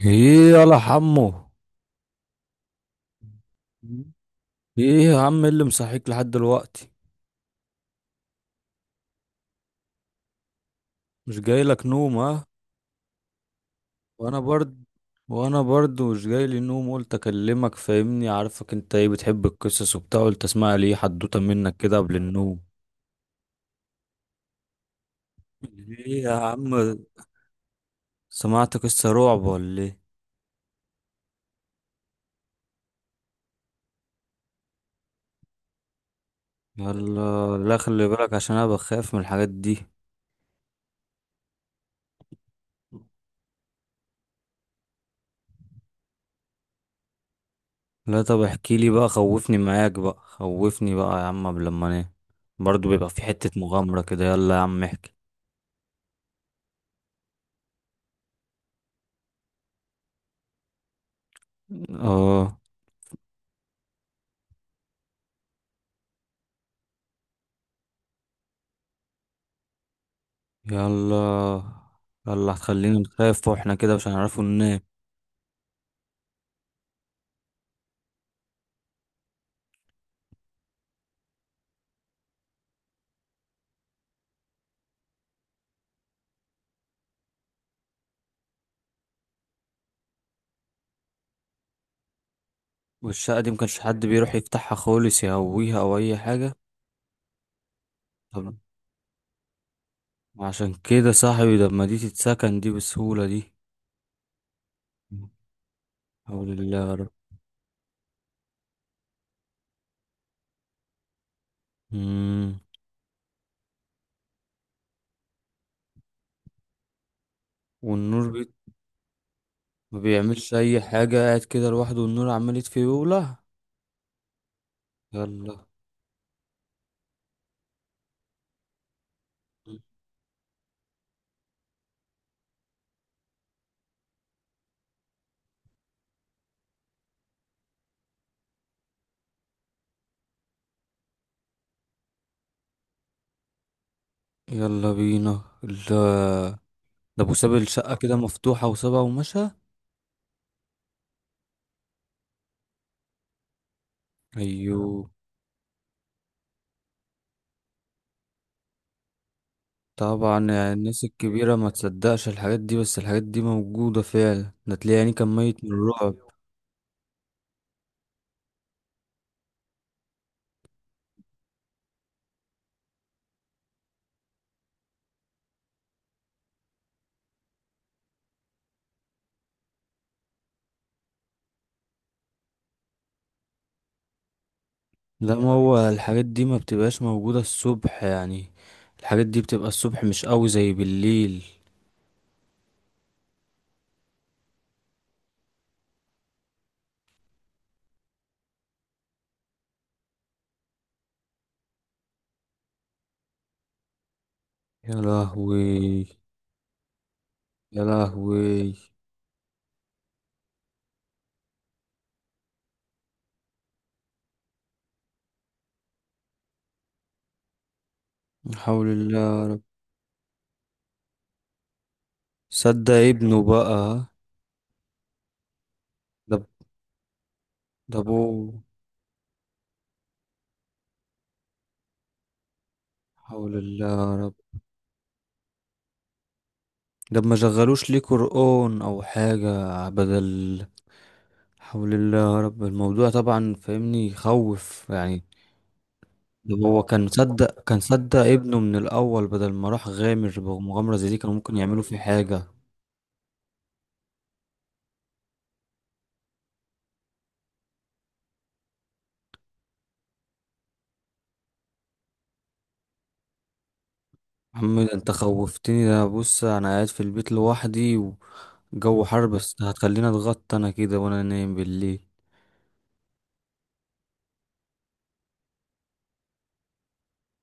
ايه يلا حمو. مم. ايه يا عم اللي مصحيك لحد دلوقتي؟ مش جاي لك نوم، ها؟ وانا برد، وانا برضو مش جاي لي نوم، قلت اكلمك. فاهمني عارفك انت، ايه بتحب القصص وبتاع، قلت اسمع لي إيه حدوته منك كده قبل النوم. ايه يا عم، سمعت قصة رعب ولا ايه؟ يلا، لا خلي بالك، عشان انا بخاف من الحاجات دي. لا طب احكي لي بقى، خوفني معاك بقى، خوفني بقى يا عم قبل ما انام. برضو بيبقى في حتة مغامرة كده، يلا يا عم احكي. اه يلا. يلا هتخلينا نخاف، واحنا كده مش هنعرفوا ننام. والشقة دي مكانش حد بيروح يفتحها خالص، يهويها او اي حاجة؟ طب عشان كده صاحبي ده، ما دي تتسكن دي بسهولة دي. حول الله يا رب. مم. والنور بي... ما بيعملش اي حاة، قاعد كده لوحده والنور عمال يطفي ويولع. يلا. يلا بينا الله، ده ابو ساب الشقة كده مفتوحة وسابها ومشى. ايوه. طبعا يعني الناس الكبيرة ما تصدقش الحاجات دي، بس الحاجات دي موجودة فعلا، ده تلاقي يعني كان ميت من الرعب. لا ما هو الحاجات دي ما بتبقاش موجودة الصبح يعني. الحاجات دي بتبقى الصبح مش قوي زي بالليل. يا لهوي. يا لهوي. لا حول الله. صدق ابنه بقى. ده ده ابوه. لا حول الله يا رب. ده ما شغلوش ليه قرآن او حاجة؟ بدل لا. حول الله يا رب، الموضوع طبعا فاهمني يخوف يعني. ده هو كان مصدق، كان صدق ابنه من الأول بدل ما راح غامر بمغامرة زي دي، كانوا ممكن يعملوا فيه حاجة. محمد انت خوفتني، ده بص انا قاعد في البيت لوحدي وجو حر، بس هتخليني اتغطى انا كده وانا نايم بالليل.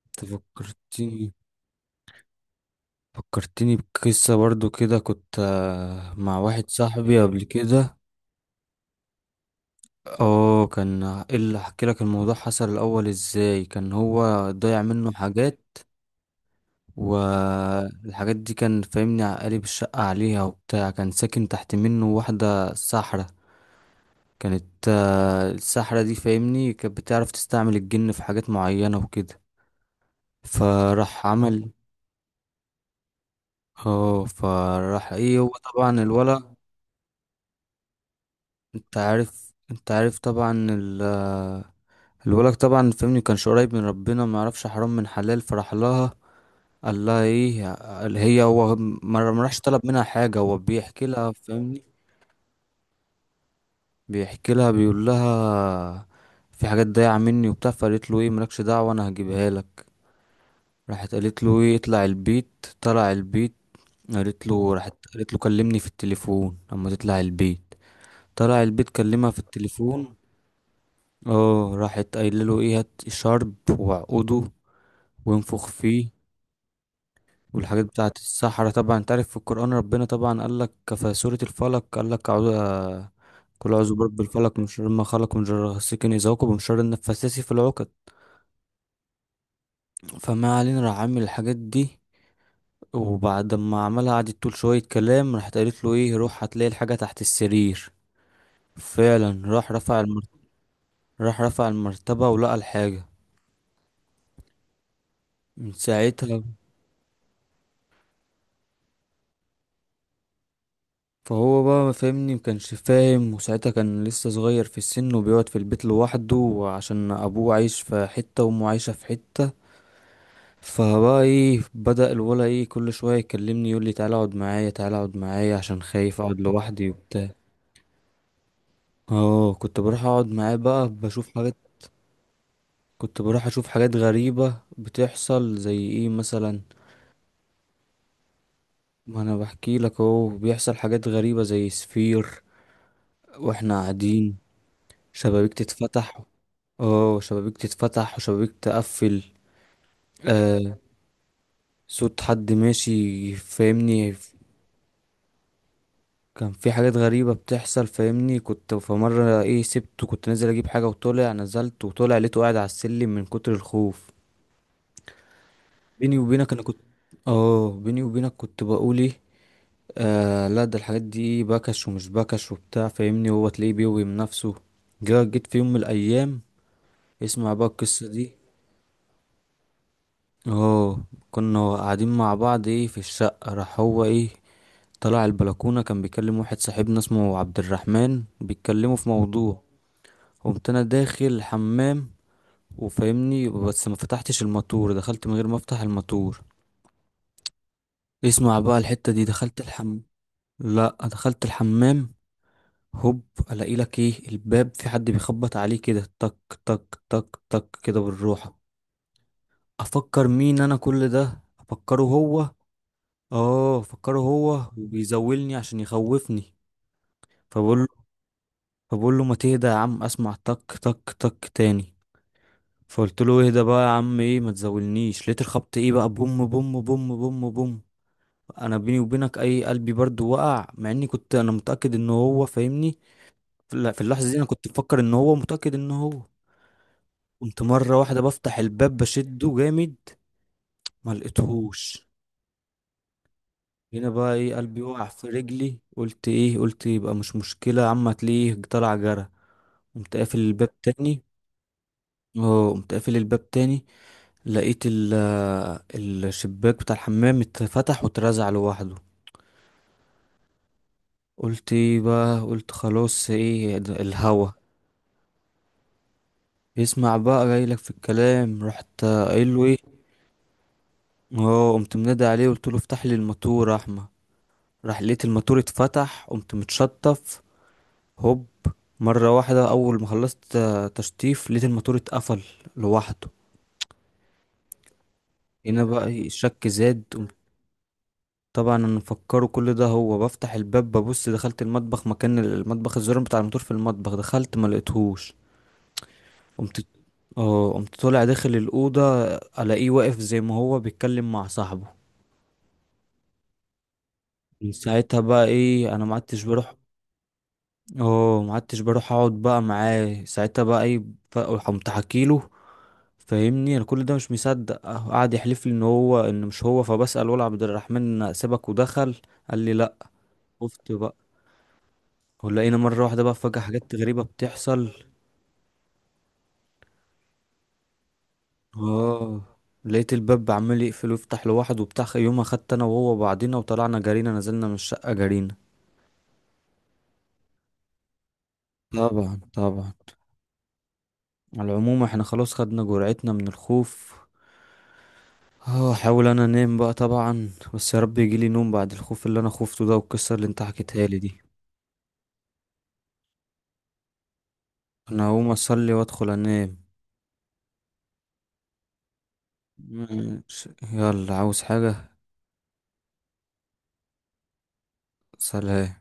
انت فكرتني بقصة برضو كده، كنت مع واحد صاحبي قبل كده. اه كان إيه اللي احكي لك، الموضوع حصل الاول ازاي؟ كان هو ضيع منه حاجات. والحاجات دي كان فاهمني قالب الشقة عليها وبتاع، كان ساكن تحت منه واحدة ساحرة. كانت الساحرة دي فاهمني كانت بتعرف تستعمل الجن في حاجات معينة وكده. فراح عمل. اه فراح ايه، هو طبعا الولد. انت عارف طبعا ال آه، الولد طبعا فاهمني كانش قريب من ربنا، ما يعرفش حرام من حلال، فراح لها. قال لها ايه، قال هي هو ما راحش طلب منها حاجة، هو بيحكي لها فاهمني. بيحكي لها، بيقول لها في حاجات ضايعة مني وبتاع، فقالت له ايه مالكش دعوة انا هجيبها لك. راحت قالت له ايه اطلع البيت، طلع البيت. قالت له راحت قالت له كلمني في التليفون اما تطلع البيت. طلع البيت كلمها في التليفون. اه راحت قايله له ايه هات شرب وعقده وانفخ فيه. والحاجات بتاعت السحرة طبعا انت عارف، في القرآن ربنا طبعا قال لك في سورة الفلق قال لك أعوذ. كل أعوذ برب الفلق من شر ما خلق، من شر غاسق إذا وقب، ومن شر النفاثات في العقد. فما علينا، راح عامل الحاجات دي، وبعد ما عملها قعدت تقول شوية كلام، راحت قالت له ايه روح هتلاقي الحاجة تحت السرير. فعلا راح رفع المرتبة ولقى الحاجة. من ساعتها. فهو بقى ما فهمني مكانش فاهم، وساعتها كان لسه صغير في السن وبيقعد في البيت لوحده، عشان ابوه عايش في حتة وامه عايشة في حتة. فبقى ايه بدأ الولا ايه كل شوية يكلمني يقول لي تعالى اقعد معايا، تعالى اقعد معايا عشان خايف اقعد لوحدي وبتاع. اه كنت بروح اقعد معاه بقى بشوف حاجات. كنت بروح اشوف حاجات غريبة بتحصل، زي ايه مثلا؟ ما انا بحكي لك اهو، بيحصل حاجات غريبة زي سفير واحنا قاعدين، شبابيك تتفتح. اه شبابيك تتفتح وشبابيك تقفل. آه صوت حد ماشي فاهمني. كان في حاجات غريبة بتحصل فاهمني. كنت في مرة ايه سبته، كنت نازل اجيب حاجة، وطلع نزلت وطلع لقيته قاعد على السلم من كتر الخوف. بيني وبينك انا كنت. اه بيني وبينك كنت بقول ايه، آه لا ده الحاجات دي بكش ومش بكش وبتاع فاهمني، هو تلاقيه بيوهم نفسه. جيت في يوم من الايام، اسمع بقى القصة دي. اه كنا قاعدين مع بعض ايه في الشقة، راح هو ايه طلع البلكونة كان بيكلم واحد صاحبنا اسمه عبد الرحمن، بيتكلموا في موضوع. قمت انا داخل الحمام، وفاهمني بس ما فتحتش الماتور، دخلت من غير ما افتح الماتور. اسمع بقى الحتة دي، دخلت الحمام. لا دخلت الحمام. هوب. الاقي لك ايه الباب في حد بيخبط عليه كده تك تك تك تك كده بالروحة. افكر مين، انا كل ده افكره هو. اه افكره هو، وبيزولني عشان يخوفني. فبقول له فبقول له ما تهدى يا عم. اسمع تك تك تك تاني. فقلت له اهدى بقى يا عم ايه، ما تزولنيش. لقيت الخبط ايه بقى بوم بوم بوم بوم بوم. انا بيني وبينك اي قلبي برضو وقع، مع اني كنت انا متأكد ان هو فاهمني. لا في اللحظة دي أنا كنت بفكر إن هو، متأكد إن هو. كنت مرة واحدة بفتح الباب بشده جامد، ما لقيتهوش. هنا بقى إيه، قلبي وقع في رجلي. قلت إيه، قلت يبقى مش مشكلة يا عم، هتلاقيه طلع جرى. قمت قافل الباب تاني. اه قمت قافل الباب تاني لقيت ال الشباك بتاع الحمام اتفتح واترزع لوحده. قلت ايه بقى، قلت خلاص ايه ده الهوا. يسمع بقى جايلك في الكلام، رحت قايله ايه. اه قمت منادي عليه، قلت له افتح لي الماتور يا احمد. راح لقيت الماتور اتفتح، قمت متشطف. هوب. مرة واحدة أول ما خلصت تشطيف لقيت الماتور اتقفل لوحده. هنا بقى الشك زاد، قمت. طبعا انا مفكره كل ده هو، بفتح الباب ببص دخلت المطبخ، مكان المطبخ الزرار بتاع الماتور في المطبخ، دخلت ما لقيتهوش. قمت. اه قمت طالع داخل الأوضة، ألاقيه واقف زي ما هو بيتكلم مع صاحبه. من ساعتها بقى ايه انا ما عدتش بروح. اه ما عدتش بروح اقعد بقى معاه ساعتها بقى اي. بقى، قمت حكيله. فاهمني انا كل ده مش مصدق، قعد يحلف لي ان هو ان مش هو، فبسأل ولا عبد الرحمن سيبك ودخل؟ قال لي لا. خفت بقى. ولقينا مرة واحدة بقى فجأة حاجات غريبة بتحصل. اه لقيت الباب عمال يقفل ويفتح لوحده وبتاع، يوم خدت انا وهو بعضينا وطلعنا جرينا، نزلنا من الشقة جرينا. طبعا طبعا. على العموم احنا خلاص خدنا جرعتنا من الخوف. اه احاول انا انام بقى طبعا، بس يا رب يجيلي نوم بعد الخوف اللي انا خفته ده والقصه اللي انت حكيتها لي دي. انا هقوم اصلي وادخل انام. مم. يلا عاوز حاجه؟ سلام.